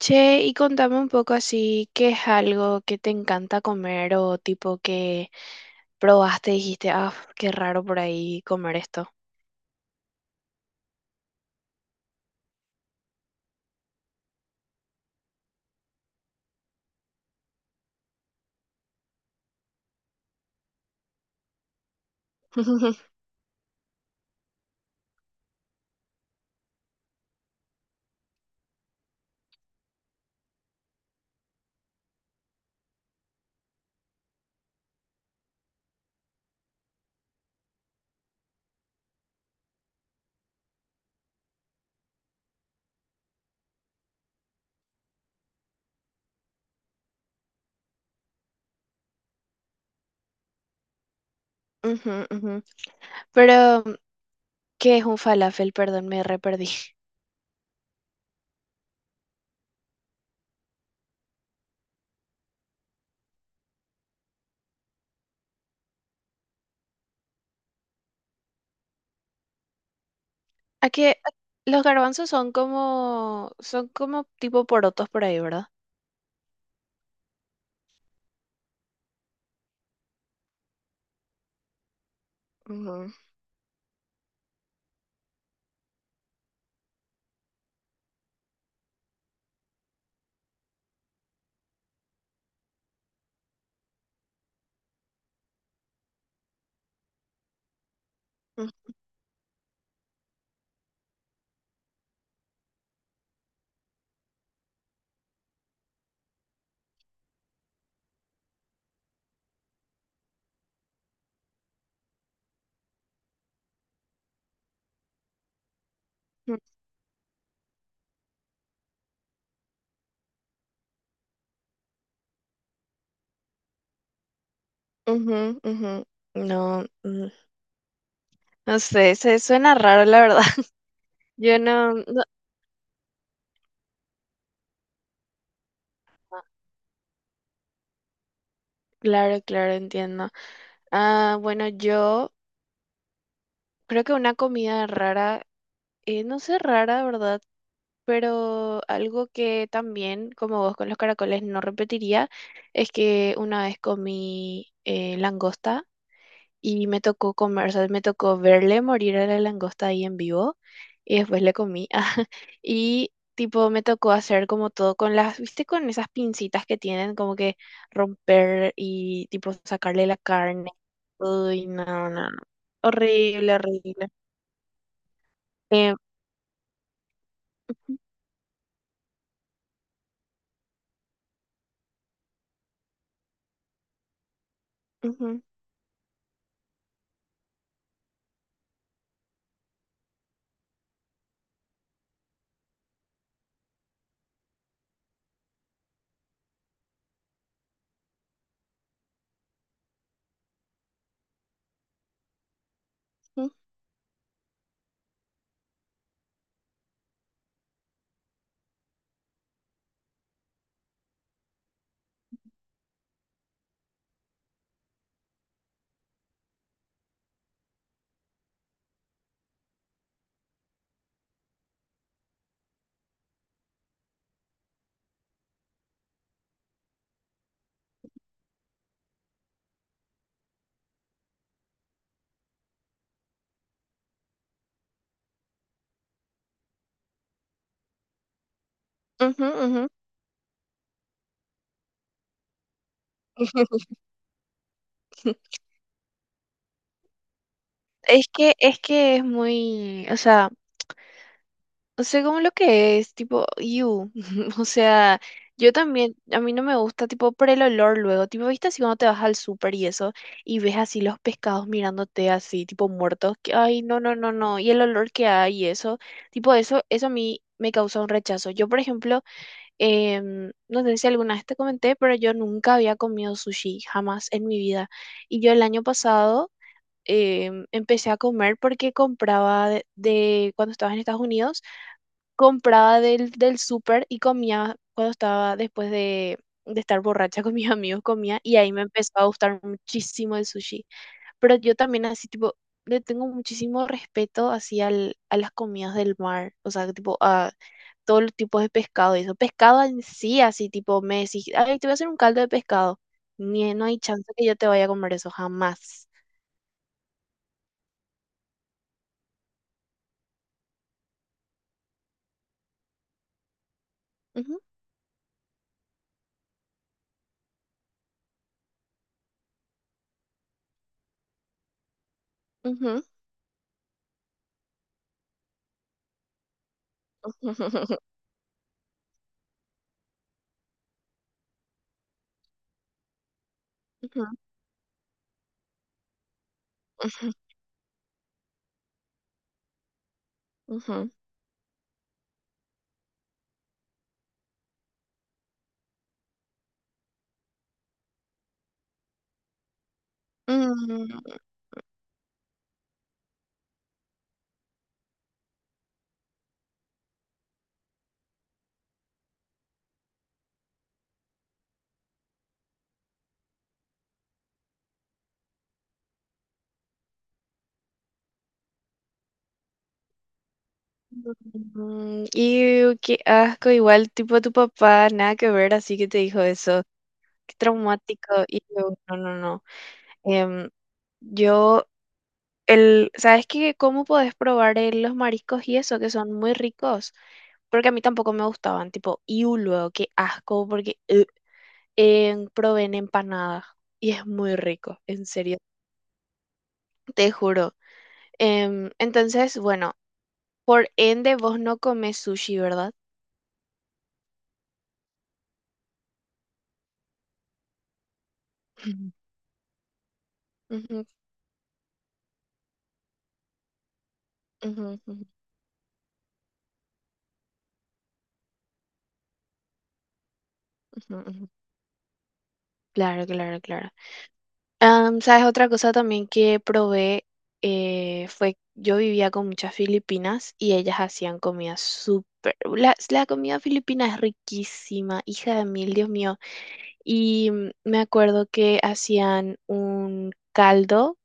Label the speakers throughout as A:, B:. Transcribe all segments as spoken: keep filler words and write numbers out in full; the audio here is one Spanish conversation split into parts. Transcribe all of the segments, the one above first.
A: Che, y contame un poco así, ¿qué es algo que te encanta comer o tipo que probaste y dijiste, ah, qué raro por ahí comer esto? Ujú, ujú. Pero, ¿qué es un falafel? Perdón, me re perdí. ¿A qué? a- Los garbanzos son como, son como tipo porotos por ahí, ¿verdad? Ujú, ujú, ujú, ujú. No, mm, no sé, se suena raro, la verdad. Yo no, no- Claro, claro, entiendo. Ah, bueno, yo creo que una comida rara, eh, no sé rara, ¿verdad? Pero algo que también, como vos con los caracoles, no repetiría, es que una vez comí eh, langosta y me tocó comer, o sea, me tocó verle morir a la langosta ahí en vivo y después le comí. Y tipo, me tocó hacer como todo con las, ¿viste? Con esas pincitas que tienen, como que romper y tipo sacarle la carne. Uy, no, no, no. Horrible, horrible. Eh, Ujú, ujú, ujú, ujú. Es que, es que es muy, o sea, no sé cómo lo que es, tipo, you, o sea, yo también, a mí no me gusta, tipo, por el olor luego, tipo, viste así cuando te vas al súper y eso, y ves así los pescados mirándote así, tipo, muertos, que, ay, no, no, no, no, y el olor que hay y eso, tipo, eso, eso a mí me causa un rechazo. Yo, por ejemplo, Em, no sé si alguna vez te comenté, pero yo nunca había comido sushi, jamás en mi vida. Y yo el año pasado em, empecé a comer porque compraba de, de- cuando estaba en Estados Unidos, compraba del, del súper y comía cuando estaba después de, de estar borracha con mis amigos, comía y ahí me empezó a gustar muchísimo el sushi. Pero yo también así tipo... Le tengo muchísimo respeto así al a las comidas del mar, o sea, tipo a todos los tipos de pescado y eso. Pescado en sí, así tipo, me decís, ay, te voy a hacer un caldo de pescado. Ni, no hay chance que yo te vaya a comer eso jamás. Ujú, ujú, ujú, ujú. Mm, iu, qué asco, igual tipo tu papá, nada que ver, así que te dijo eso. Qué traumático. Y no, no, no. Em, yo El, ¿sabes qué? ¿Cómo podés probar eh, los mariscos y eso, que son muy ricos? Porque a mí tampoco me gustaban, tipo, y luego, qué asco, porque eh, en- probé en empanadas y es muy rico, en serio, te juro. Em, entonces, bueno, por ende vos no comes sushi, ¿verdad? Ujú, ujú, ujú, ujú, ujú. Ujú. Claro, claro, claro. Am, ¿sabes? Otra cosa también que probé eh, fue, yo vivía con muchas filipinas y ellas hacían comida súper, la, la comida filipina es riquísima, hija de mil, Dios mío. Y mm, me acuerdo que hacían un caldo,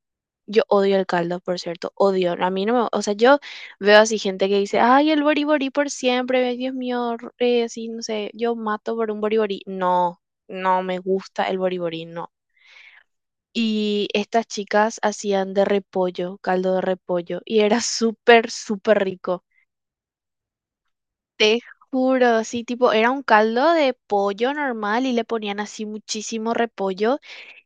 A: yo odio el caldo, por cierto, odio, a mí no me, o sea, yo veo así gente que dice, ay, el boriborí por siempre, ay, Dios mío, r- eh, así, no sé, yo mato por un boriborí, no, no me gusta el boriborí, no. Y estas chicas hacían de repollo, caldo de repollo, y era súper, súper rico. Te juro, sí, tipo, era un caldo de pollo normal y le ponían así muchísimo repollo.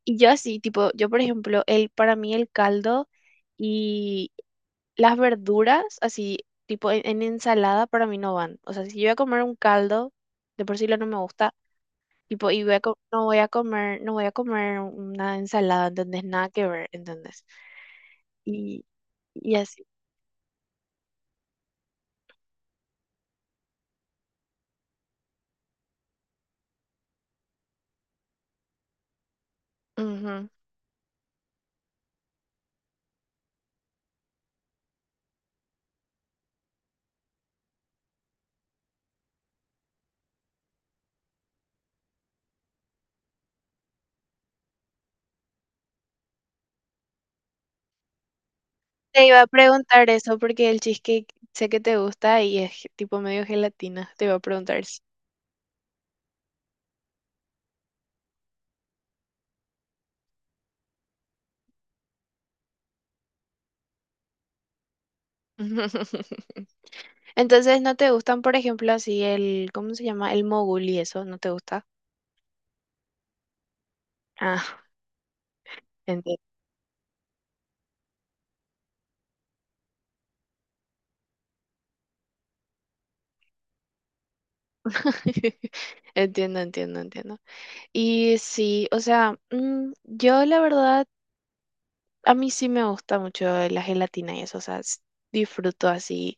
A: Y yo así, tipo, yo por ejemplo, el, para mí el caldo y las verduras, así, tipo, en, en ensalada para mí no van. O sea, si yo voy a comer un caldo, de por sí lo no me gusta. Tipo, y voy a co- no voy a comer, no voy a comer una ensalada, ¿entendés? Nada que ver, ¿entendés? Y así. Ujú. Te iba a preguntar eso porque el cheesecake sé que te gusta y es tipo medio gelatina. Te iba a preguntar eso. Entonces, ¿no te gustan, por ejemplo, así el, ¿cómo se llama? El mogul y eso, ¿no te gusta? Ah, entiendo. Entiendo, entiendo, entiendo. Y sí, o sea, mm, yo la verdad, a mí sí me gusta mucho la gelatina y eso, o sea, s- disfruto así.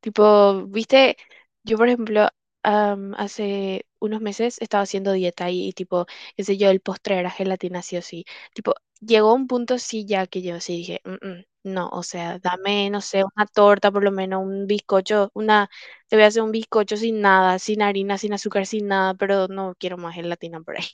A: Tipo, viste, yo por ejemplo, am, hace unos meses estaba haciendo dieta y, y tipo, qué sé yo, el postre era gelatina sí o sí. Tipo, llegó un punto sí ya que yo sí dije, "Mm, mm, no, o sea, dame, no sé, una torta por lo menos, un bizcocho, una, te voy a hacer un bizcocho sin nada, sin harina, sin azúcar, sin nada, pero no quiero más gelatina por ahí.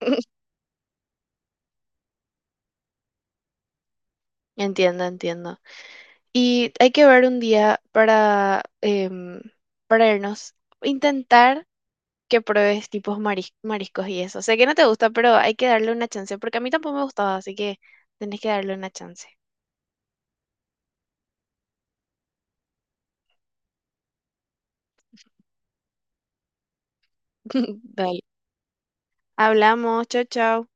A: Entiendo, entiendo. Y hay que ver un día para, em, para irnos, intentar que pruebes tipos maris- mariscos y eso. Sé que no te gusta, pero hay que darle una chance, porque a mí tampoco me gustaba, así que tenés que darle una chance. Dale. Hablamos, chao, chao.